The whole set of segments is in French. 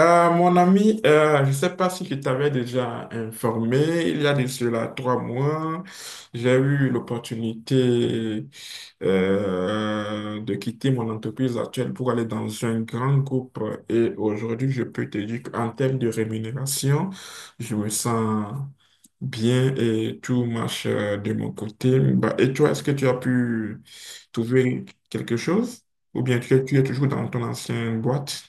Mon ami, je ne sais pas si je t'avais déjà informé, il y a de cela trois mois, j'ai eu l'opportunité de quitter mon entreprise actuelle pour aller dans un grand groupe. Et aujourd'hui, je peux te dire qu'en termes de rémunération, je me sens bien et tout marche, de mon côté. Bah, et toi, est-ce que tu as pu trouver quelque chose? Ou bien tu es toujours dans ton ancienne boîte?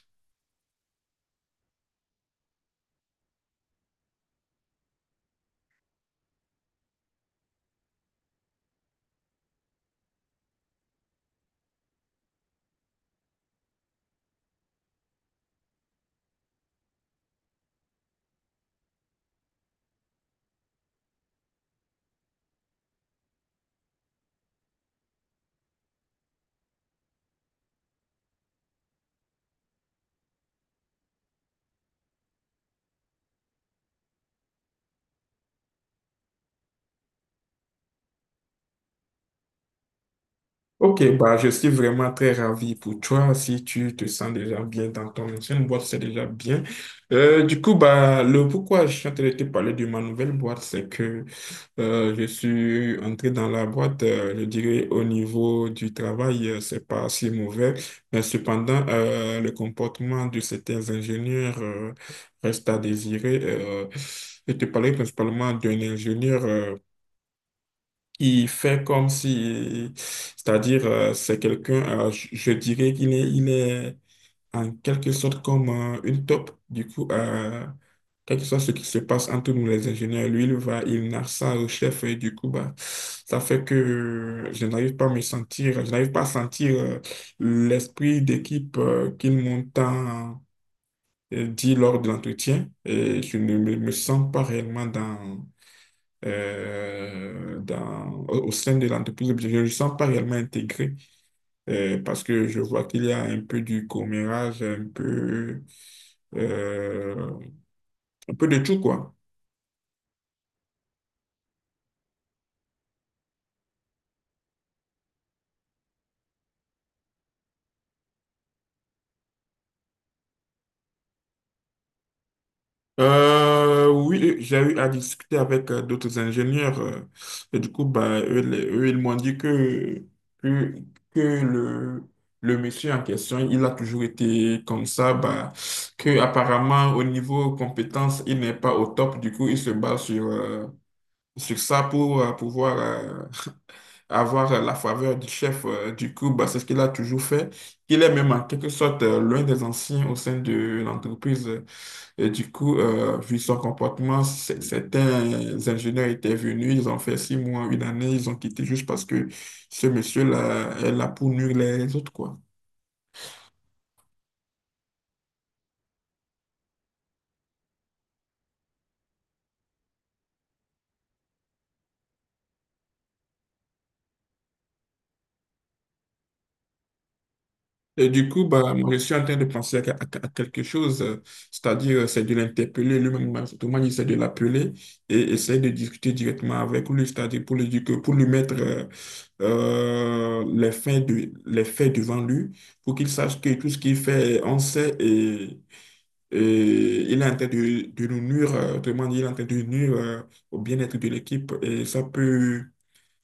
Ok, bah, je suis vraiment très ravi pour toi. Si tu te sens déjà bien dans ton ancienne boîte, c'est déjà bien. Du coup, bah, le pourquoi je suis en train de te parler de ma nouvelle boîte, c'est que je suis entré dans la boîte, je dirais au niveau du travail, c'est pas si mauvais. Mais cependant, le comportement de certains ingénieurs reste à désirer. Je te parlais principalement d'un ingénieur. Il fait comme si, c'est-à-dire, c'est quelqu'un, je dirais qu'il est, il est en quelque sorte comme une taupe. Du coup, quel que soit ce qui se passe entre nous les ingénieurs, lui, il narre ça au chef et du coup, bah, ça fait que je n'arrive pas à me sentir, je n'arrive pas à sentir l'esprit d'équipe qu'il m'entend dit lors de l'entretien et je ne me sens pas réellement dans, dans, au sein de l'entreprise. Je ne le sens pas réellement intégré parce que je vois qu'il y a un peu du commérage, euh, un peu de tout, quoi. Oui, j'ai eu à discuter avec d'autres ingénieurs. Et du coup, bah, eux, eux, ils m'ont dit que, que le monsieur en question, il a toujours été comme ça, bah, que apparemment au niveau compétences, il n'est pas au top. Du coup, il se base sur, sur ça pour pouvoir avoir la faveur du chef du club. Bah, c'est ce qu'il a toujours fait. Il est même en quelque sorte l'un des anciens au sein de l'entreprise. Et du coup, vu son comportement, certains ingénieurs étaient venus, ils ont fait six mois, une année, ils ont quitté juste parce que ce monsieur-là est là pour nuire les autres, quoi. Et du coup, bah, moi, je suis en train de penser à, à quelque chose, c'est-à-dire c'est de l'interpeller lui-même, tout le essaie de l'appeler et essayer de discuter directement avec lui, c'est-à-dire pour lui dire pour lui mettre les les faits devant lui, pour qu'il sache que tout ce qu'il fait, on sait et il est en train de nous nuire, autrement dit, il est en train de nuire au bien-être de l'équipe et ça peut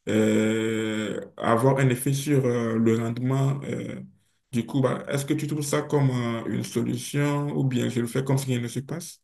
avoir un effet sur le rendement. Du coup, bah, est-ce que tu trouves ça comme une solution ou bien je le fais comme si rien ne se passe?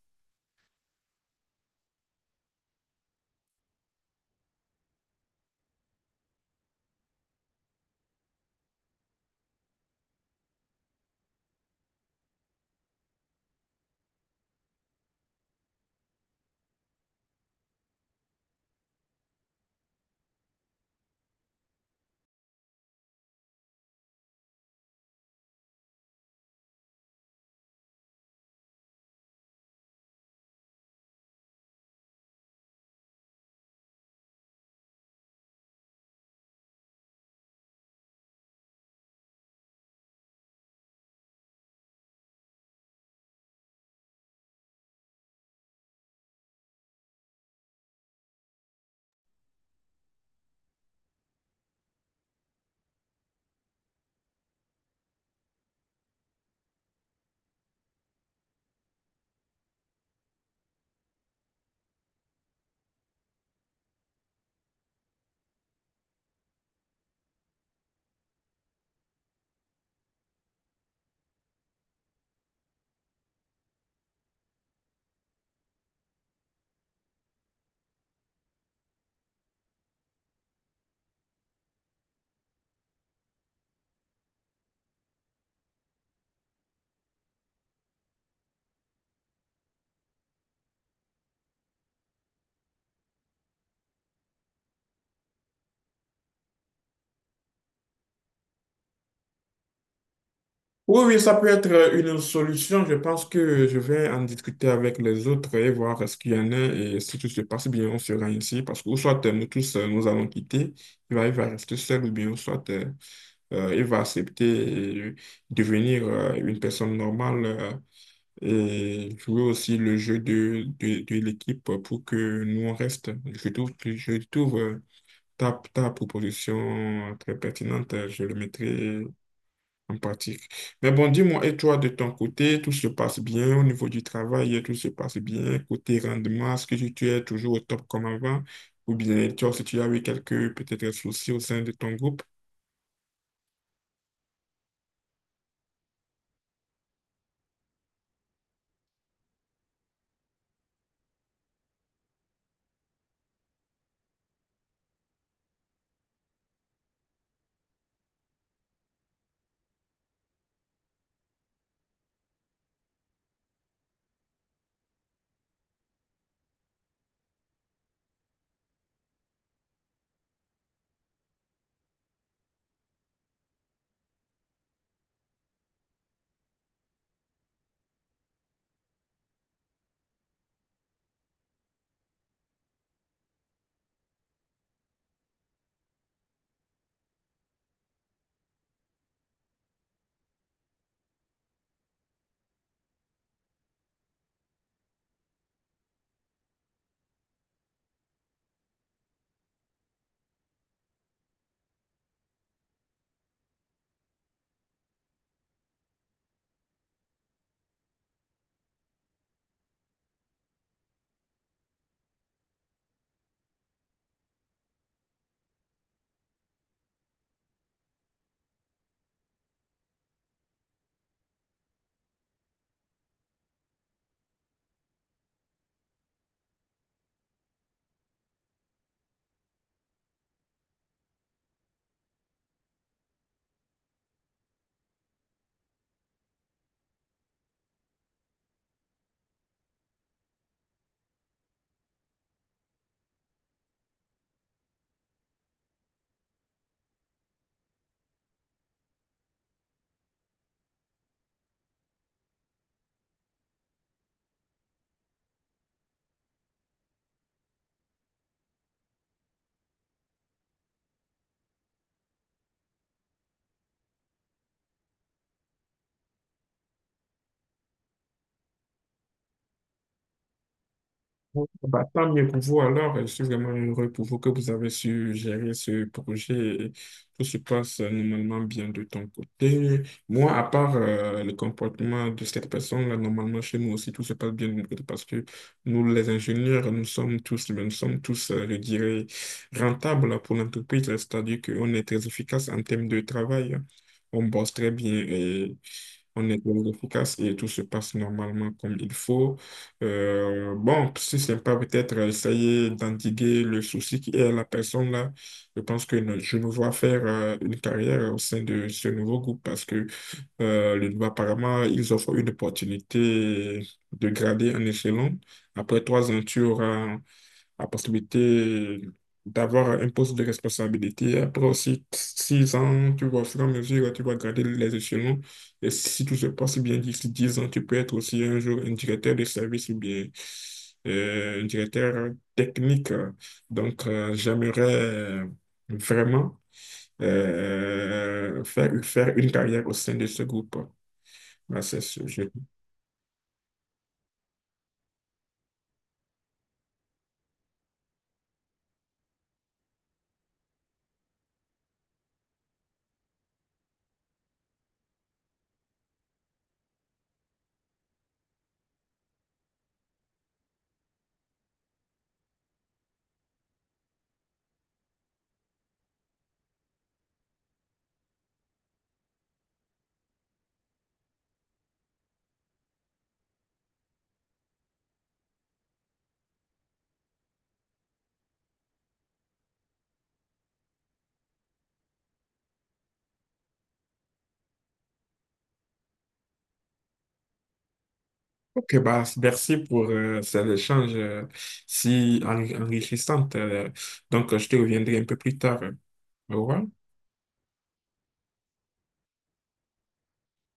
Oui, oui, ça peut être une solution. Je pense que je vais en discuter avec les autres et voir ce qu'il y en a et si tout se passe bien, on sera ici parce que ou soit nous tous nous allons quitter, il va rester seul ou bien ou soit il va accepter et devenir une personne normale et jouer aussi le jeu de l'équipe pour que nous on reste. Je je trouve ta, ta proposition très pertinente, je le mettrai en pratique. Mais bon, dis-moi, et toi de ton côté, tout se passe bien au niveau du travail, tout se passe bien, côté rendement, est-ce que tu es toujours au top comme avant? Ou bien tu as, si tu as eu quelques peut-être soucis au sein de ton groupe? Bon, bah, tant mieux pour vous alors, je suis vraiment heureux pour vous que vous avez su gérer ce projet et tout se passe normalement bien de ton côté. Moi, à part le comportement de cette personne-là, normalement chez nous aussi tout se passe bien de notre côté parce que nous, les ingénieurs, nous sommes tous, je dirais, rentables pour l'entreprise, c'est-à-dire qu'on est très efficace en termes de travail, on bosse très bien et on est très efficace et tout se passe normalement comme il faut. Bon, si c'est pas peut-être essayer d'endiguer le souci qui est à la personne là, je pense que je me vois faire une carrière au sein de ce nouveau groupe parce que le droit, apparemment, ils offrent une opportunité de grader en échelon. Après trois ans, tu auras la possibilité d'avoir un poste de responsabilité. Après aussi six ans, tu vois, au fur et à mesure, tu vas garder les échelons. Et si tout se passe bien d'ici 10 ans, tu peux être aussi un jour un directeur de service ou bien un directeur technique. Donc, j'aimerais vraiment faire une carrière au sein de ce groupe. Voilà, c'est ce- je Ok, bah, merci pour ces échanges si enrichissantes. Donc, je te reviendrai un peu plus tard. Au revoir.